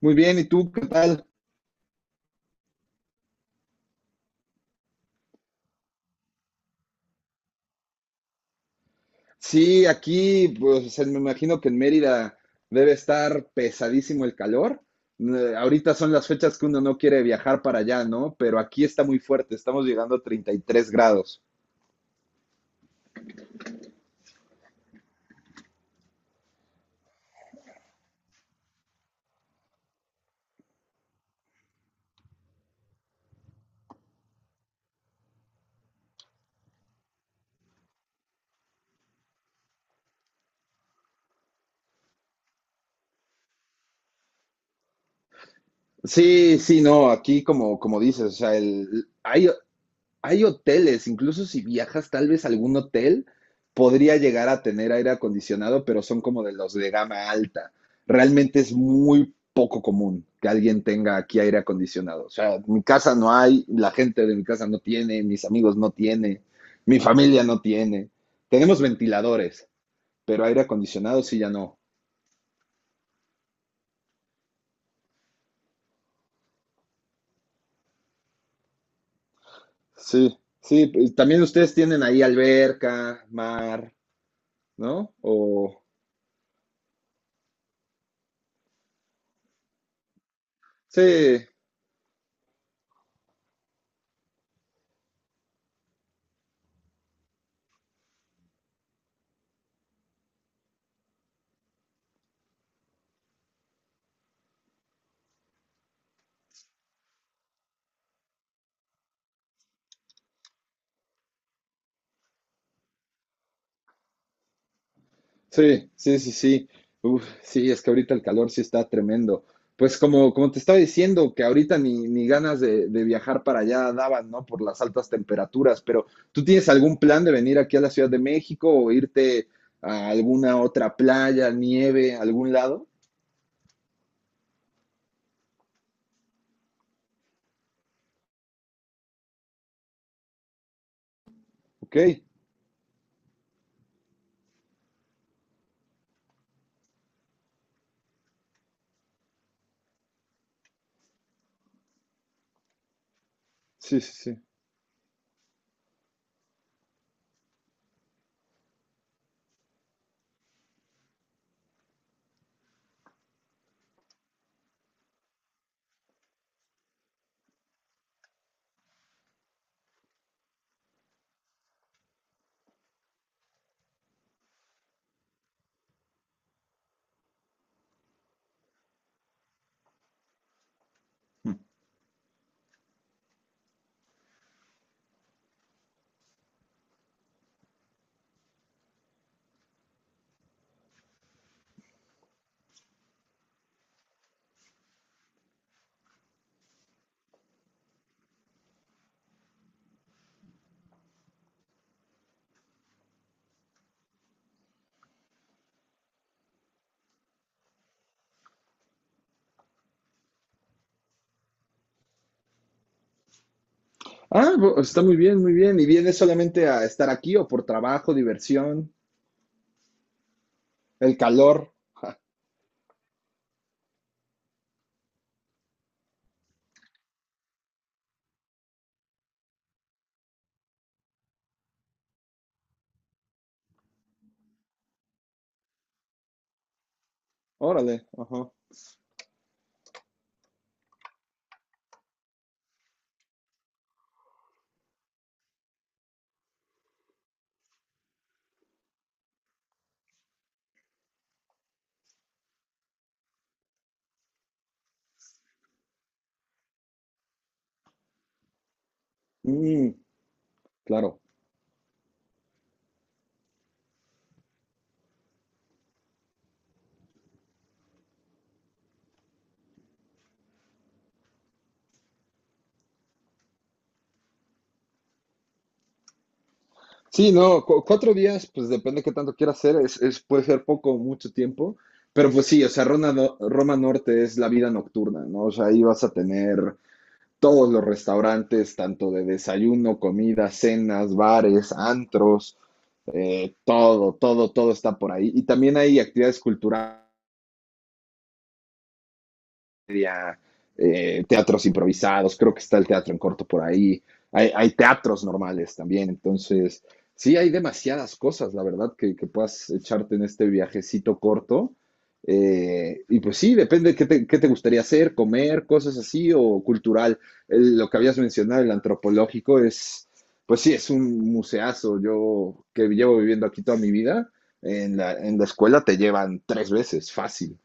Muy bien, ¿y tú qué tal? Sí, aquí, pues me imagino que en Mérida debe estar pesadísimo el calor. Ahorita son las fechas que uno no quiere viajar para allá, ¿no? Pero aquí está muy fuerte, estamos llegando a 33 grados. Sí, sí, no, aquí como dices, o sea, hay hoteles, incluso si viajas, tal vez algún hotel podría llegar a tener aire acondicionado, pero son como de los de gama alta. Realmente es muy poco común que alguien tenga aquí aire acondicionado. O sea, mi casa no hay, la gente de mi casa no tiene, mis amigos no tiene, mi familia no tiene. Tenemos ventiladores, pero aire acondicionado sí ya no. Sí, sí, pues, también ustedes tienen ahí alberca, mar, ¿no? O sí. Sí, sí, sí, sí. Uf, sí, es que ahorita el calor sí está tremendo. Pues como te estaba diciendo, que ahorita ni ganas de viajar para allá daban, ¿no? Por las altas temperaturas, pero ¿tú tienes algún plan de venir aquí a la Ciudad de México o irte a alguna otra playa, nieve, algún lado? Ok, sí, sí, sí. Mm. Ah, está muy bien, muy bien. ¿Y vienes solamente a estar aquí o por trabajo, diversión, el calor? Órale, ajá. Mm, claro. Sí, no, 4 días, pues depende qué tanto quiera hacer, puede ser poco o mucho tiempo, pero pues sí, o sea, Roma, no- Roma Norte es la vida nocturna, ¿no? O sea, ahí vas a tener todos los restaurantes, tanto de desayuno, comida, cenas, bares, antros, todo, todo, todo está por ahí. Y también hay actividades culturales, teatros improvisados, creo que está el teatro en corto por ahí, hay teatros normales también. Entonces sí hay demasiadas cosas, la verdad, que puedas echarte en este viajecito corto. Y pues sí, depende de qué te gustaría hacer, comer, cosas así, o cultural. Lo que habías mencionado, el antropológico, pues sí, es un museazo. Yo que llevo viviendo aquí toda mi vida, en la escuela te llevan tres veces, fácil.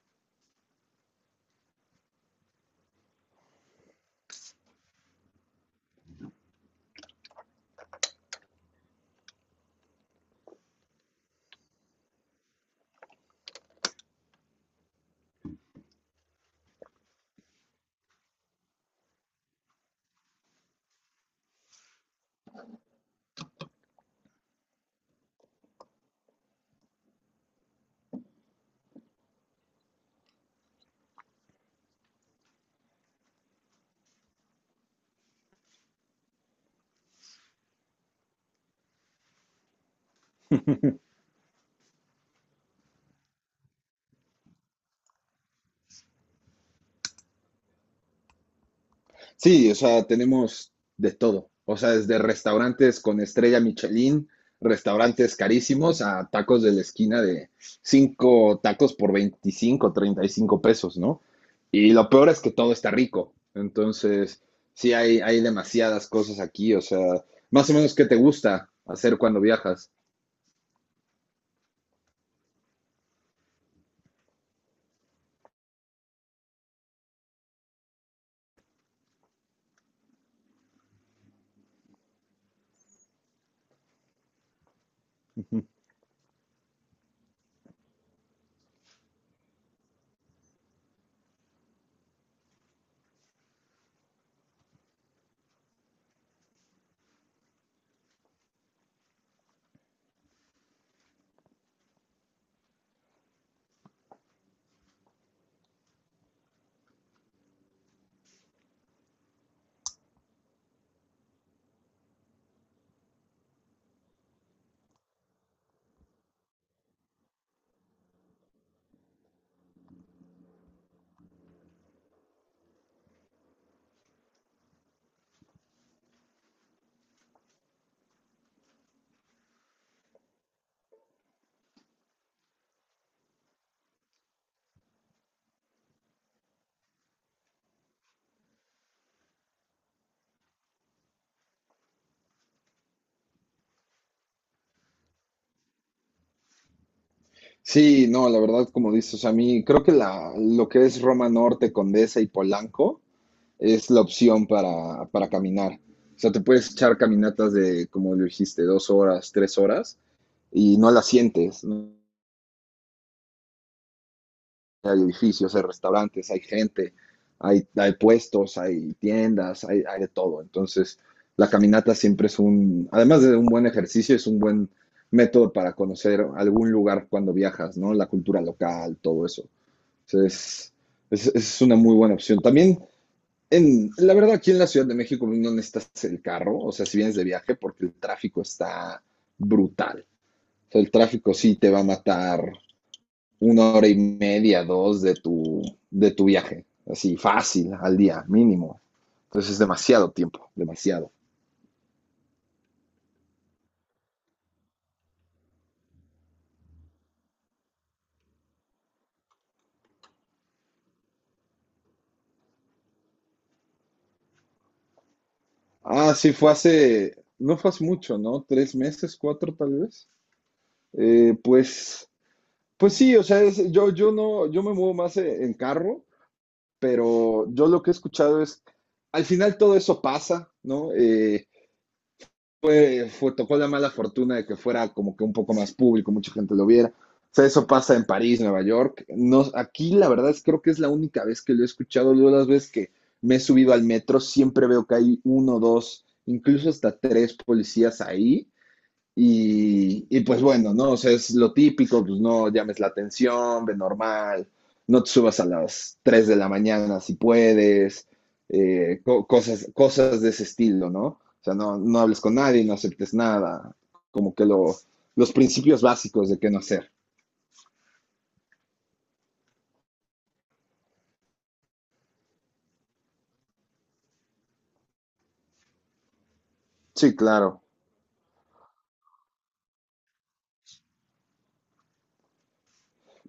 Sí, o sea, tenemos de todo. O sea, desde restaurantes con estrella Michelin, restaurantes carísimos, a tacos de la esquina de 5 tacos por 25, 35 pesos, ¿no? Y lo peor es que todo está rico. Entonces, sí, hay demasiadas cosas aquí. O sea, más o menos, ¿qué te gusta hacer cuando viajas? Sí, no, la verdad, como dices, o sea, a mí creo que lo que es Roma Norte, Condesa y Polanco es la opción para caminar. O sea, te puedes echar caminatas de, como lo dijiste, 2 horas, 3 horas, y no las sientes, ¿no? Hay edificios, hay restaurantes, hay gente, hay puestos, hay tiendas, hay de todo. Entonces, la caminata siempre es un, además de un buen ejercicio, es un buen método para conocer algún lugar cuando viajas, ¿no? La cultura local, todo eso. Entonces, es una muy buena opción. También, la verdad, aquí en la Ciudad de México no necesitas el carro, o sea, si vienes de viaje, porque el tráfico está brutal. O sea, el tráfico sí te va a matar una hora y media, dos de tu viaje, así fácil al día, mínimo. Entonces es demasiado tiempo, demasiado. Ah, sí, fue hace, no fue hace mucho, ¿no? 3 meses, cuatro tal vez. Eh, pues, pues sí, o sea, yo no, yo me muevo más en carro, pero yo lo que he escuchado es, al final todo eso pasa, ¿no? Tocó la mala fortuna de que fuera como que un poco más público, mucha gente lo viera. O sea, eso pasa en París, Nueva York. No, aquí la verdad es creo que es la única vez que lo he escuchado. Luego las veces que me he subido al metro siempre veo que hay uno, dos, incluso hasta tres policías ahí pues bueno, ¿no? O sea, es lo típico, pues no llames la atención, ve normal, no te subas a las 3 de la mañana si puedes, co cosas de ese estilo, ¿no? O sea, no, no hables con nadie, no aceptes nada, como que los principios básicos de qué no hacer. Sí, claro.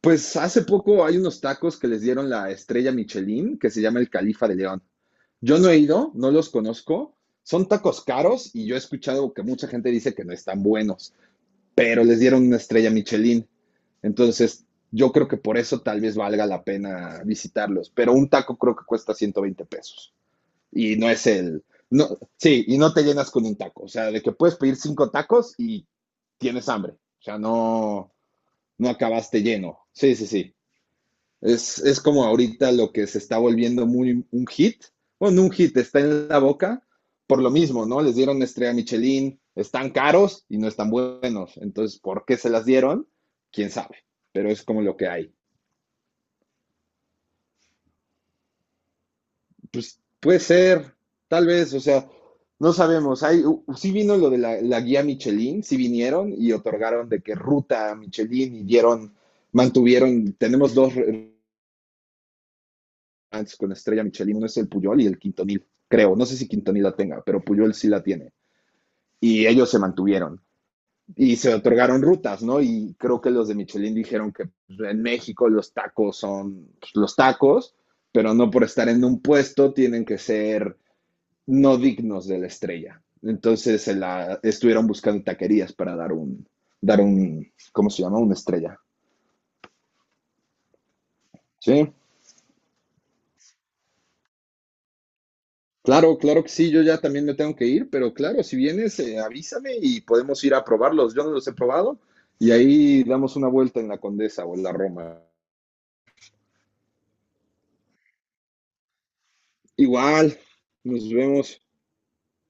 Pues hace poco hay unos tacos que les dieron la estrella Michelin, que se llama el Califa de León. Yo no he ido, no los conozco. Son tacos caros y yo he escuchado que mucha gente dice que no están buenos, pero les dieron una estrella Michelin. Entonces, yo creo que por eso tal vez valga la pena visitarlos. Pero un taco creo que cuesta 120 pesos. Y no es el... No, sí, y no te llenas con un taco. O sea, de que puedes pedir cinco tacos y tienes hambre. O sea, no, no acabaste lleno. Sí, sí, sí. Es como ahorita lo que se está volviendo muy un hit. Bueno, no un hit, está en la boca por lo mismo, ¿no? Les dieron estrella Michelin, están caros y no están buenos. Entonces, ¿por qué se las dieron? Quién sabe, pero es como lo que hay. Pues puede ser, tal vez, o sea, no sabemos. Sí vino lo de la guía Michelin, sí vinieron y otorgaron de qué ruta Michelin y dieron, mantuvieron, tenemos dos antes con Estrella Michelin, uno es el Puyol y el Quintonil, creo. No sé si Quintonil la tenga, pero Puyol sí la tiene. Y ellos se mantuvieron y se otorgaron rutas, ¿no? Y creo que los de Michelin dijeron que en México los tacos son los tacos, pero no por estar en un puesto tienen que ser no dignos de la estrella. Entonces estuvieron buscando taquerías para dar un, ¿cómo se llama? Una estrella. Sí, claro, claro que sí, yo ya también me tengo que ir, pero claro, si vienes, avísame y podemos ir a probarlos. Yo no los he probado y ahí damos una vuelta en la Condesa o en la Roma. Igual, nos vemos.